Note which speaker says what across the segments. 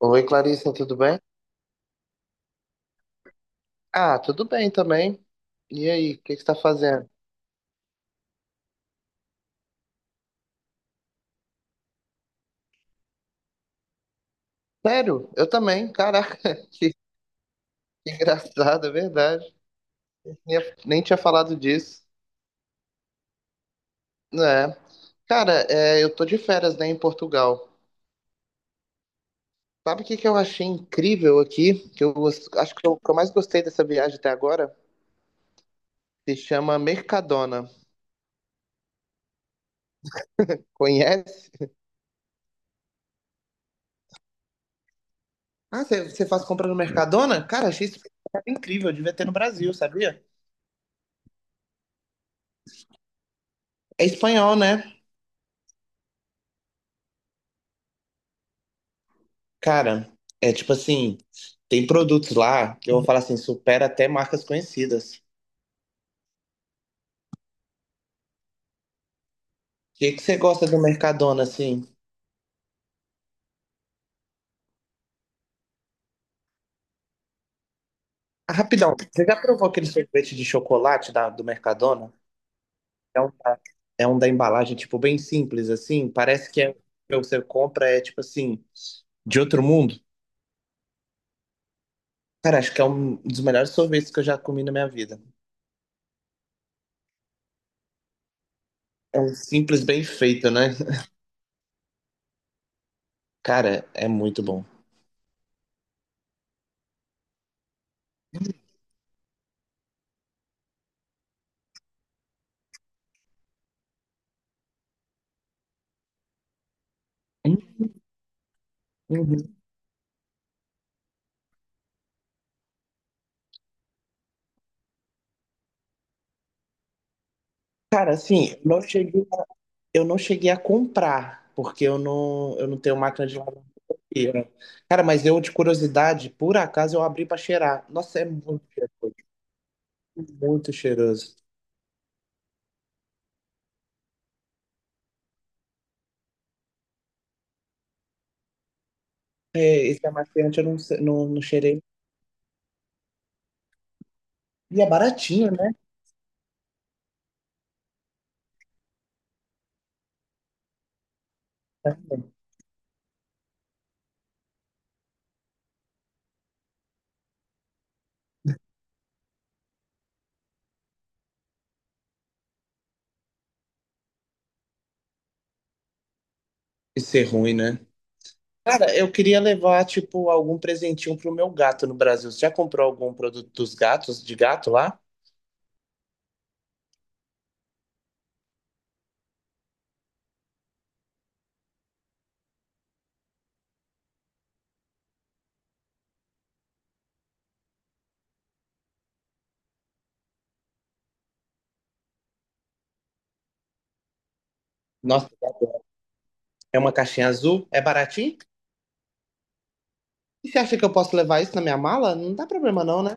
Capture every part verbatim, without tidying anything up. Speaker 1: Oi, Clarissa, tudo bem? Ah, tudo bem também. E aí, o que que você tá fazendo? Sério? Eu também, caraca, que, que engraçado, é verdade. Nem, nem tinha falado disso, né? Cara, é, eu tô de férias, né, em Portugal. Sabe o que que eu achei incrível aqui? Que eu gos- acho que eu, que eu mais gostei dessa viagem até agora? Se chama Mercadona. Conhece? Ah, você você faz compra no Mercadona? Cara, achei isso incrível, devia ter no Brasil, sabia? É espanhol, né? Cara, é tipo assim, tem produtos lá que eu vou falar assim, supera até marcas conhecidas. O que que você gosta do Mercadona, assim? Ah, rapidão, você já provou aquele sorvete de chocolate da- do Mercadona? É um, da- é um da embalagem, tipo, bem simples, assim. Parece que é, que você compra é, tipo assim, de outro mundo. Cara, acho que é um dos melhores sorvetes que eu já comi na minha vida. É um simples, bem feito, né? Cara, é muito bom. Uhum. Cara, assim, eu não cheguei. Eu não cheguei a comprar, porque eu não, eu não tenho máquina de lavar roupa. Cara, mas eu, de curiosidade, por acaso eu abri pra cheirar. Nossa, é muito cheiroso, muito cheiroso. É, esse amaciante eu não, se- não, não cheirei. E é baratinho, né? Isso é ruim, né? Cara, eu queria levar, tipo, algum presentinho pro meu gato no Brasil. Você já comprou algum produto dos gatos, de gato lá? Nossa, é uma caixinha azul, é baratinho? E você acha que eu posso levar isso na minha mala? Não dá problema não, né?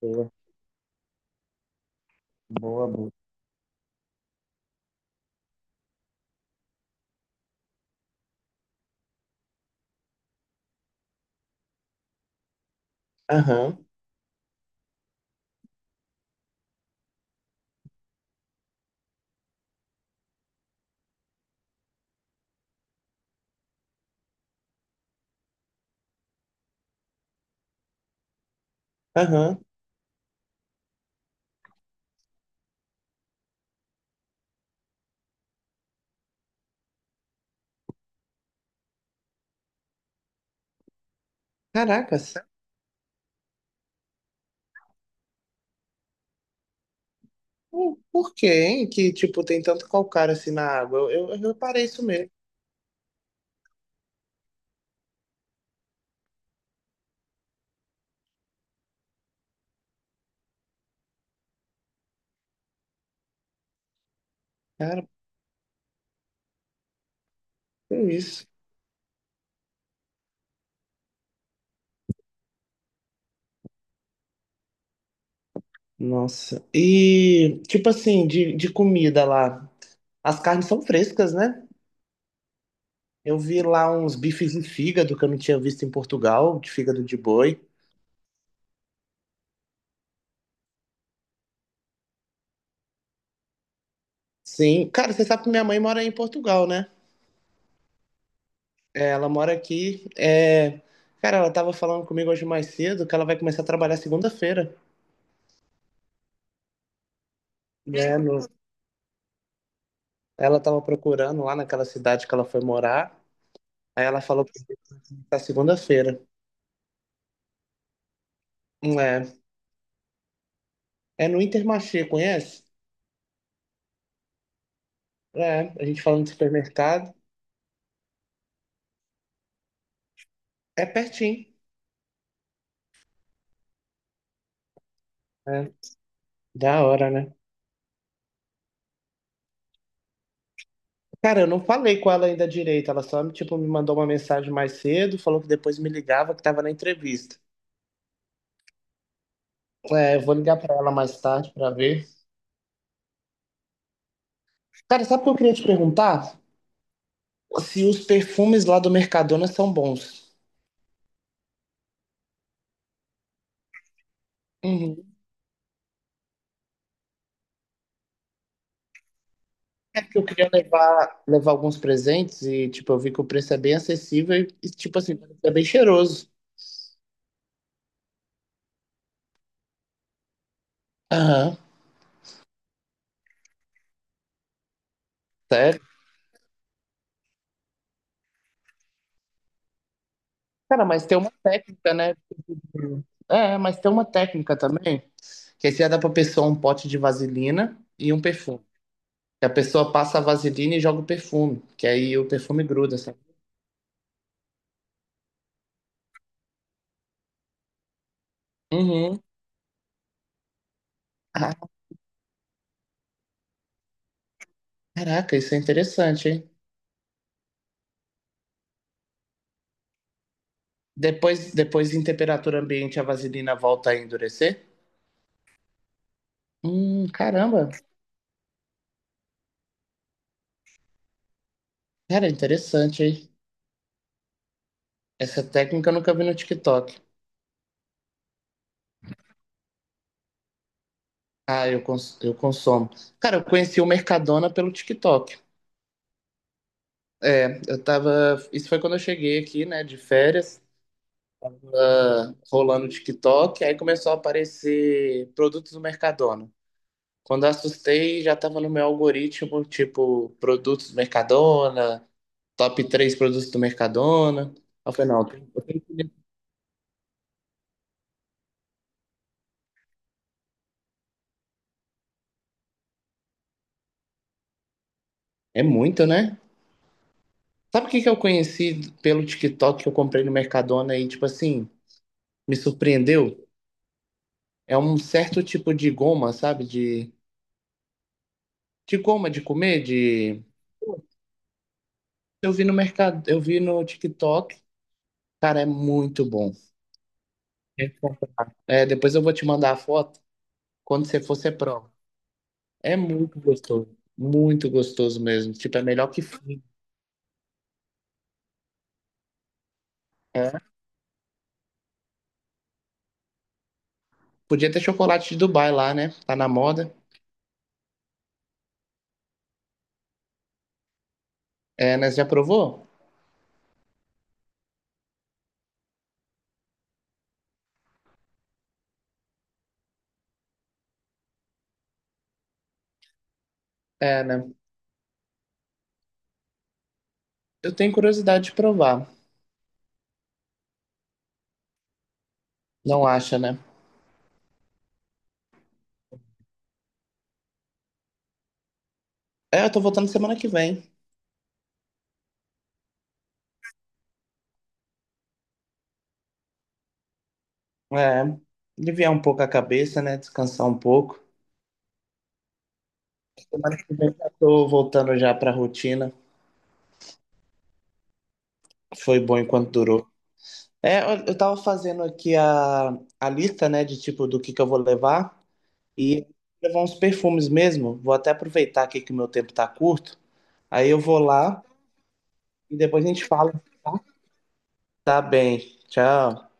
Speaker 1: Boa, boa, boa. Aham, aham. Caracas. Por por quê, hein? Que, tipo, tem tanto calcário assim na água. Eu, eu, eu reparei isso mesmo. Cara, que isso. Nossa. E, tipo assim, de, de comida lá. As carnes são frescas, né? Eu vi lá uns bifes de fígado que eu não tinha visto em Portugal, de fígado de boi. Sim. Cara, você sabe que minha mãe mora em Portugal, né? É, ela mora aqui. É... Cara, ela tava falando comigo hoje mais cedo que ela vai começar a trabalhar segunda-feira, né? no- Ela tava procurando lá naquela cidade que ela foi morar. Aí ela falou pra mim que tá segunda-feira. É, é no Intermarché, conhece? É, a gente falando de supermercado. É pertinho. É, da hora, né? Cara, eu não falei com ela ainda direito. Ela só, tipo, me mandou uma mensagem mais cedo, falou que depois me ligava, que tava na entrevista. É, eu vou ligar pra ela mais tarde pra ver. Cara, sabe o que eu queria te perguntar? Se os perfumes lá do Mercadona são bons. Uhum. Eu queria levar, levar alguns presentes e, tipo, eu vi que o preço é bem acessível e, e, tipo assim, é bem cheiroso. Aham, sério? Cara, mas tem uma técnica, né? É, mas tem uma técnica também, que aí você dá pra pessoa um pote de vaselina e um perfume. Que a pessoa passa a vaselina e joga o perfume, que aí o perfume gruda, sabe? Uhum. Ah, caraca, isso é interessante, hein? Depois, depois em temperatura ambiente, a vaselina volta a endurecer? Hum, caramba. Cara, é interessante, hein? Essa técnica eu nunca vi no TikTok. Ah, eu, cons eu consumo. Cara, eu conheci o Mercadona pelo TikTok. É, eu tava. Isso foi quando eu cheguei aqui, né, de férias, tava rolando o TikTok, aí começou a aparecer produtos do Mercadona. Quando eu assustei, já tava no meu algoritmo, tipo, produtos do Mercadona, top três produtos do Mercadona. Aí Eu falei, não, eu tenho- eu tenho que- é muito, né? Sabe o que que eu conheci pelo TikTok que eu comprei no Mercadona e, tipo assim, me surpreendeu? É um certo tipo de goma, sabe? De, de goma de comer, de. Eu vi no mercado, eu vi no TikTok. Cara, é muito bom. É É, depois eu vou te mandar a foto. Quando você for, você prova. É muito gostoso. Muito gostoso mesmo. Tipo, é melhor que. F- É. Podia ter chocolate de Dubai lá, né? Tá na moda. É, né? Você já provou? É, né? Eu tenho curiosidade de provar. Não acha, né? É, eu tô voltando semana que vem. É. Aliviar um pouco a cabeça, né? Descansar um pouco. Semana que vem já tô voltando já pra rotina. Foi bom enquanto durou. É, eu eu tava fazendo aqui a, a lista, né, de tipo do que que eu vou levar e levar uns perfumes mesmo. Vou até aproveitar aqui que o meu tempo tá curto. Aí eu vou lá e depois a gente fala. Tá Tá bem. Tchau.